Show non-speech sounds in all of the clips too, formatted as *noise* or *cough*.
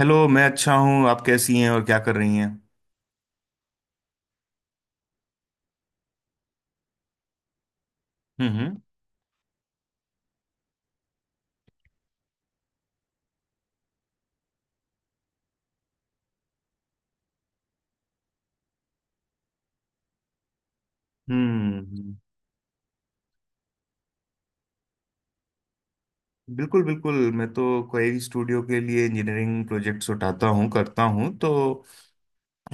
Hello. मैं अच्छा हूँ, आप कैसी हैं और क्या कर रही हैं? हम्म हम्म। हम्म बिल्कुल बिल्कुल, मैं तो कोई स्टूडियो के लिए इंजीनियरिंग प्रोजेक्ट्स उठाता हूँ करता हूँ। तो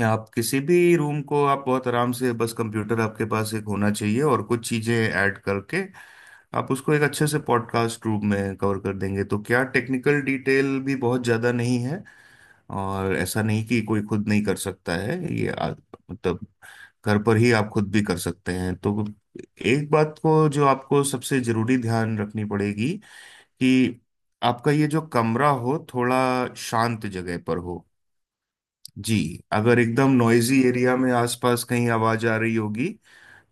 आप किसी भी रूम को आप बहुत आराम से, बस कंप्यूटर आपके पास एक होना चाहिए और कुछ चीज़ें ऐड करके आप उसको एक अच्छे से पॉडकास्ट रूप में कवर कर देंगे। तो क्या टेक्निकल डिटेल भी बहुत ज़्यादा नहीं है, और ऐसा नहीं कि कोई खुद नहीं कर सकता है ये। मतलब घर पर ही आप खुद भी कर सकते हैं। तो एक बात को जो आपको सबसे जरूरी ध्यान रखनी पड़ेगी कि आपका ये जो कमरा हो थोड़ा शांत जगह पर हो। जी। अगर एकदम नॉइजी एरिया में आसपास कहीं आवाज आ रही होगी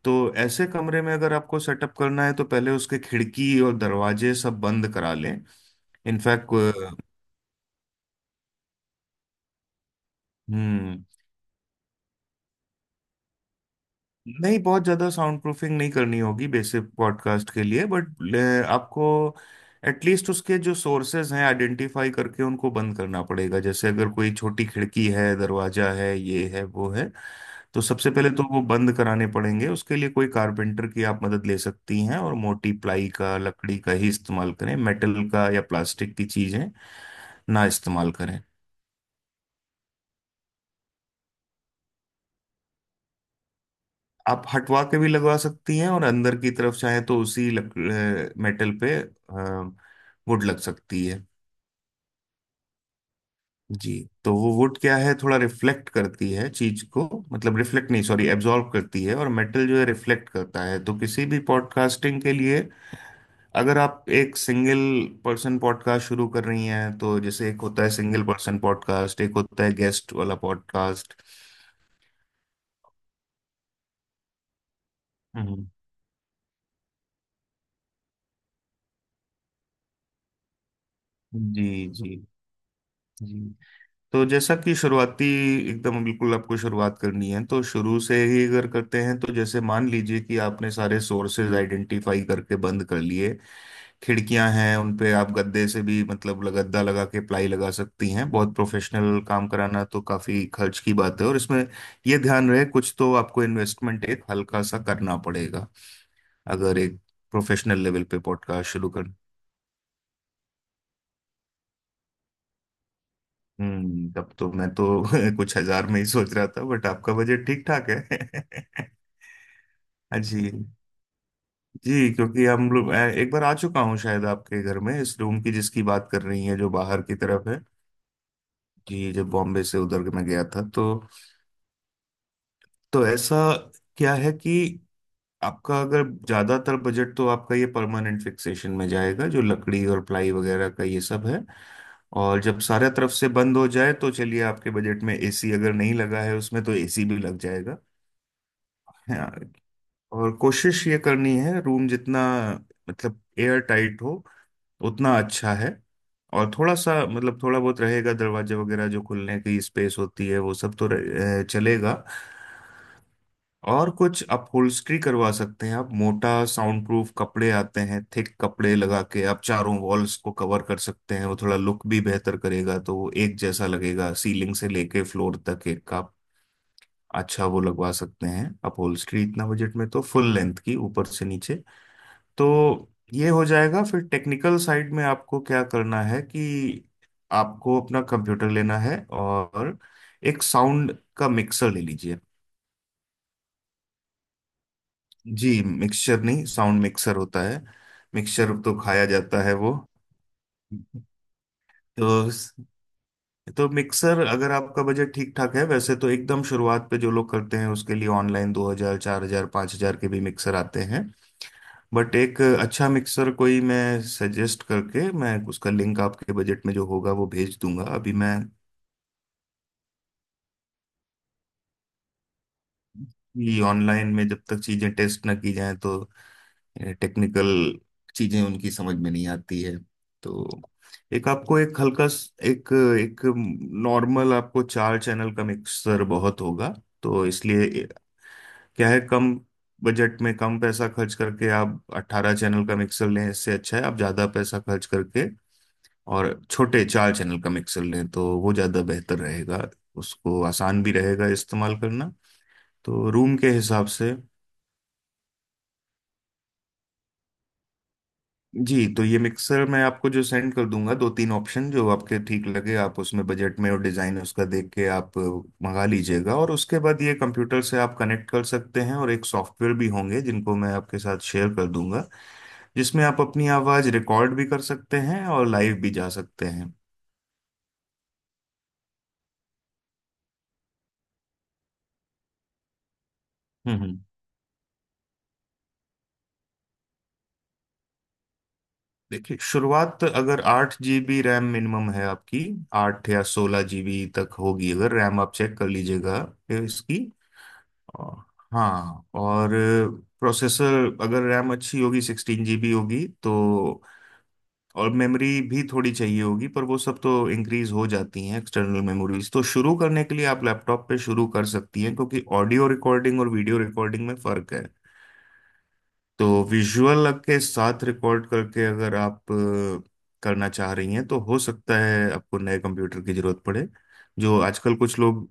तो ऐसे कमरे में अगर आपको सेटअप करना है तो पहले उसके खिड़की और दरवाजे सब बंद करा लें। इनफैक्ट। हम्म, नहीं बहुत ज़्यादा साउंड प्रूफिंग नहीं करनी होगी बेसिक पॉडकास्ट के लिए, बट आपको एटलीस्ट उसके जो सोर्सेज हैं आइडेंटिफाई करके उनको बंद करना पड़ेगा। जैसे अगर कोई छोटी खिड़की है, दरवाजा है, ये है वो है, तो सबसे पहले तो वो बंद कराने पड़ेंगे। उसके लिए कोई कारपेंटर की आप मदद ले सकती हैं, और मोटी प्लाई का लकड़ी का ही इस्तेमाल करें, मेटल का या प्लास्टिक की चीज़ें ना इस्तेमाल करें। आप हटवा के भी लगवा सकती हैं, और अंदर की तरफ चाहे तो उसी मेटल पे वुड लग सकती है। जी। तो वो वुड क्या है थोड़ा रिफ्लेक्ट करती है चीज को, मतलब रिफ्लेक्ट नहीं सॉरी एब्जॉर्ब करती है, और मेटल जो है रिफ्लेक्ट करता है। तो किसी भी पॉडकास्टिंग के लिए, अगर आप एक सिंगल पर्सन पॉडकास्ट शुरू कर रही हैं तो जैसे एक होता है सिंगल पर्सन पॉडकास्ट, एक होता है गेस्ट वाला पॉडकास्ट। हम्म। जी जी जी। तो जैसा कि शुरुआती एकदम बिल्कुल आपको शुरुआत करनी है तो शुरू से ही अगर करते हैं तो जैसे मान लीजिए कि आपने सारे सोर्सेज आइडेंटिफाई करके बंद कर लिए। खिड़कियां हैं उन पे आप गद्दे से भी मतलब गद्दा लगा के प्लाई लगा सकती हैं। बहुत प्रोफेशनल काम कराना तो काफी खर्च की बात है, और इसमें ये ध्यान रहे कुछ तो आपको इन्वेस्टमेंट एक हल्का सा करना पड़ेगा अगर एक प्रोफेशनल लेवल पे पॉडकास्ट शुरू कर। तब तो मैं तो *laughs* कुछ हजार में ही सोच रहा था, बट आपका बजट ठीक ठाक है। *laughs* हाँ जी। जी, क्योंकि हम लोग एक बार आ चुका हूँ शायद आपके घर में, इस रूम की जिसकी बात कर रही है जो बाहर की तरफ है। जी जब बॉम्बे से उधर मैं गया था तो। तो ऐसा क्या है कि आपका अगर ज्यादातर बजट तो आपका ये परमानेंट फिक्सेशन में जाएगा, जो लकड़ी और प्लाई वगैरह का ये सब है। और जब सारे तरफ से बंद हो जाए तो चलिए, आपके बजट में एसी अगर नहीं लगा है उसमें तो एसी भी लग जाएगा। हाँ। और कोशिश ये करनी है रूम जितना मतलब एयर टाइट हो उतना अच्छा है। और थोड़ा सा मतलब थोड़ा बहुत रहेगा दरवाजे वगैरह जो खुलने की स्पेस होती है वो सब तो चलेगा। और कुछ अपहोल्स्ट्री करवा सकते हैं आप, मोटा साउंड प्रूफ कपड़े आते हैं, थिक कपड़े लगा के आप चारों वॉल्स को कवर कर सकते हैं। वो थोड़ा लुक भी बेहतर करेगा, तो वो एक जैसा लगेगा सीलिंग से लेके फ्लोर तक एक। आप अच्छा वो लगवा सकते हैं अपहोल्स्ट्री, इतना बजट में तो फुल लेंथ की ऊपर से नीचे तो ये हो जाएगा। फिर टेक्निकल साइड में आपको क्या करना है कि आपको अपना कंप्यूटर लेना है और एक साउंड का मिक्सर ले लीजिए। जी मिक्सचर नहीं, साउंड मिक्सर होता है। मिक्सचर तो खाया जाता है वो। तो तो मिक्सर अगर आपका बजट ठीक ठाक है, वैसे तो एकदम शुरुआत पे जो लोग करते हैं उसके लिए ऑनलाइन 2,000 4,000 5,000 के भी मिक्सर आते हैं, बट एक अच्छा मिक्सर कोई मैं सजेस्ट करके, मैं उसका लिंक आपके बजट में जो होगा वो भेज दूंगा अभी मैं। ये ऑनलाइन में जब तक चीज़ें टेस्ट ना की जाएं तो टेक्निकल चीज़ें उनकी समझ में नहीं आती है। तो एक आपको एक हल्का स- एक एक नॉर्मल आपको चार चैनल का मिक्सर बहुत होगा। तो इसलिए क्या है कम बजट में कम पैसा खर्च करके आप 18 चैनल का मिक्सर लें इससे अच्छा है आप ज़्यादा पैसा खर्च करके और छोटे चार चैनल का मिक्सर लें तो वो ज़्यादा बेहतर रहेगा। उसको आसान भी रहेगा इस्तेमाल करना, तो रूम के हिसाब से। जी तो ये मिक्सर मैं आपको जो सेंड कर दूंगा दो तीन ऑप्शन जो आपके ठीक लगे आप उसमें बजट में और डिज़ाइन उसका देख के आप मंगा लीजिएगा, और उसके बाद ये कंप्यूटर से आप कनेक्ट कर सकते हैं, और एक सॉफ्टवेयर भी होंगे जिनको मैं आपके साथ शेयर कर दूंगा जिसमें आप अपनी आवाज़ रिकॉर्ड भी कर सकते हैं और लाइव भी जा सकते हैं। हम्म। देखिए शुरुआत अगर 8 जीबी रैम मिनिमम है आपकी, आठ या 16 जीबी तक होगी अगर रैम, आप चेक कर लीजिएगा इसकी। और हाँ, और प्रोसेसर अगर रैम अच्छी होगी 16 जीबी होगी तो और मेमोरी भी थोड़ी चाहिए होगी, पर वो सब तो इंक्रीज हो जाती हैं एक्सटर्नल मेमोरीज। तो शुरू करने के लिए आप लैपटॉप पे शुरू कर सकती हैं क्योंकि ऑडियो रिकॉर्डिंग और वीडियो रिकॉर्डिंग में फर्क है। तो विजुअल के साथ रिकॉर्ड करके अगर आप करना चाह रही हैं तो हो सकता है आपको नए कंप्यूटर की जरूरत पड़े जो आजकल कुछ लोग।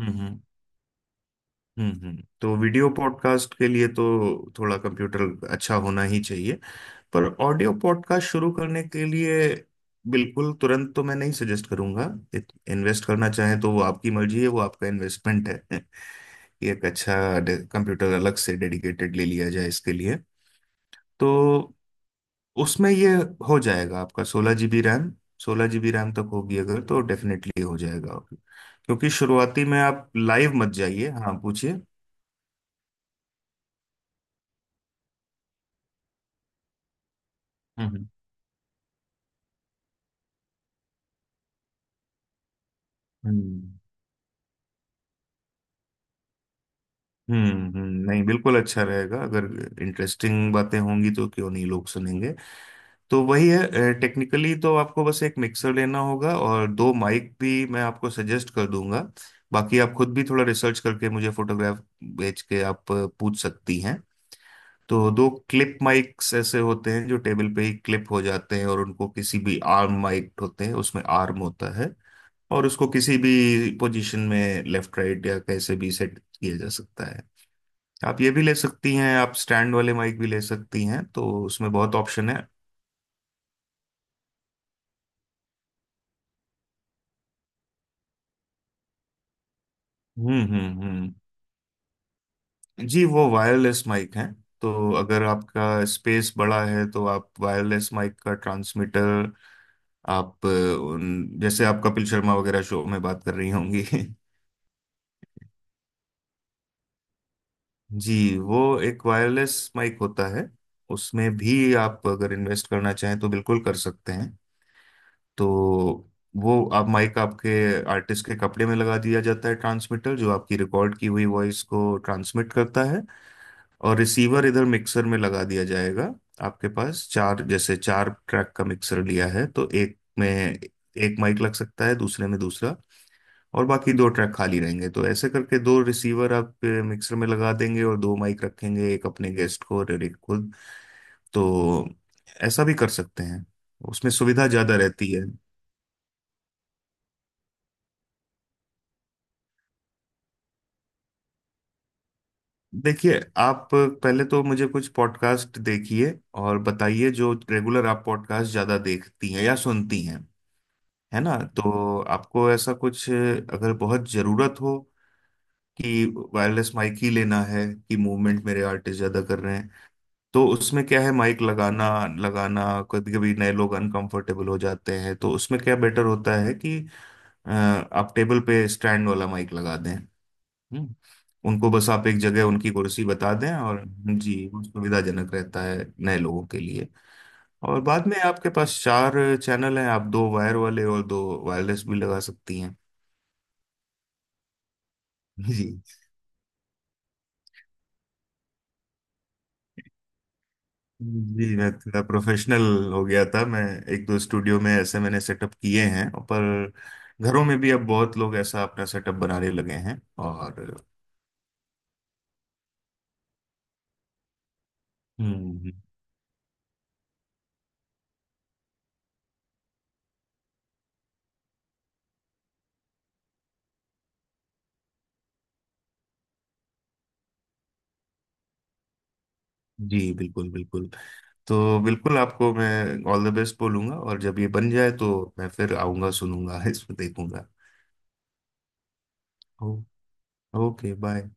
हम्म हम्म तो वीडियो पॉडकास्ट के लिए तो थोड़ा कंप्यूटर अच्छा होना ही चाहिए, पर ऑडियो पॉडकास्ट शुरू करने के लिए बिल्कुल तुरंत तो मैं नहीं सजेस्ट करूंगा। इन्वेस्ट करना चाहें तो वो आपकी मर्जी है, वो आपका इन्वेस्टमेंट है *laughs* कि एक अच्छा कंप्यूटर अलग से डेडिकेटेड ले लिया जाए इसके लिए। तो उसमें ये हो जाएगा, आपका 16 जीबी रैम, 16 जीबी रैम तक होगी अगर तो डेफिनेटली हो जाएगा। क्योंकि शुरुआती में आप लाइव मत जाइए। हाँ पूछिए। हम्म हम्म हम्म हम्म। नहीं बिल्कुल अच्छा रहेगा, अगर इंटरेस्टिंग बातें होंगी तो क्यों नहीं लोग सुनेंगे। तो वही है, टेक्निकली तो आपको बस एक मिक्सर लेना होगा और दो माइक भी मैं आपको सजेस्ट कर दूंगा। बाकी आप खुद भी थोड़ा रिसर्च करके मुझे फोटोग्राफ भेज के आप पूछ सकती हैं। तो दो क्लिप माइक्स ऐसे होते हैं जो टेबल पे ही क्लिप हो जाते हैं, और उनको किसी भी आर्म माइक होते हैं उसमें आर्म होता है, और उसको किसी भी पोजीशन में लेफ्ट राइट या कैसे भी सेट किया जा सकता है। आप ये भी ले सकती हैं, आप स्टैंड वाले माइक भी ले सकती हैं, तो उसमें बहुत ऑप्शन है। हम्म। जी वो वायरलेस माइक है। तो अगर आपका स्पेस बड़ा है तो आप वायरलेस माइक का ट्रांसमीटर आप जैसे आप कपिल शर्मा वगैरह शो में बात कर रही होंगी। *laughs* जी वो एक वायरलेस माइक होता है। उसमें भी आप अगर इन्वेस्ट करना चाहें तो बिल्कुल कर सकते हैं। तो वो आप माइक आपके आर्टिस्ट के कपड़े में लगा दिया जाता है, ट्रांसमीटर जो आपकी रिकॉर्ड की हुई वॉइस को ट्रांसमिट करता है, और रिसीवर इधर मिक्सर में लगा दिया जाएगा। आपके पास चार, जैसे चार ट्रैक का मिक्सर लिया है तो एक में एक माइक लग सकता है, दूसरे में दूसरा, और बाकी दो ट्रैक खाली रहेंगे, तो ऐसे करके दो रिसीवर आप मिक्सर में लगा देंगे और दो माइक रखेंगे, एक अपने गेस्ट को और एक खुद। तो ऐसा भी कर सकते हैं। उसमें सुविधा ज़्यादा रहती है। देखिए आप पहले तो मुझे कुछ पॉडकास्ट देखिए और बताइए जो रेगुलर आप पॉडकास्ट ज़्यादा देखती हैं या सुनती हैं, है ना? तो आपको ऐसा कुछ अगर बहुत ज़रूरत हो कि वायरलेस माइक ही लेना है, कि मूवमेंट मेरे आर्टिस्ट ज़्यादा कर रहे हैं, तो उसमें क्या है माइक लगाना लगाना। कभी कभी नए लोग अनकंफर्टेबल हो जाते हैं तो उसमें क्या बेटर होता है कि आप टेबल पे स्टैंड वाला माइक लगा दें। हम्म। उनको बस आप एक जगह उनकी कुर्सी बता दें, और जी, वो सुविधाजनक रहता है नए लोगों के लिए। और बाद में आपके पास चार चैनल हैं, आप दो वायर वाले और दो वायरलेस भी लगा सकती हैं। जी जी। मैं थोड़ा प्रोफेशनल हो गया था मैं, एक दो स्टूडियो में ऐसे मैंने सेटअप किए हैं, पर घरों में भी अब बहुत लोग ऐसा अपना सेटअप बनाने लगे हैं और। हम्म। जी बिल्कुल बिल्कुल। तो बिल्कुल आपको मैं ऑल द बेस्ट बोलूंगा, और जब ये बन जाए तो मैं फिर आऊंगा सुनूंगा *laughs* इसमें देखूंगा। ओ, ओके बाय।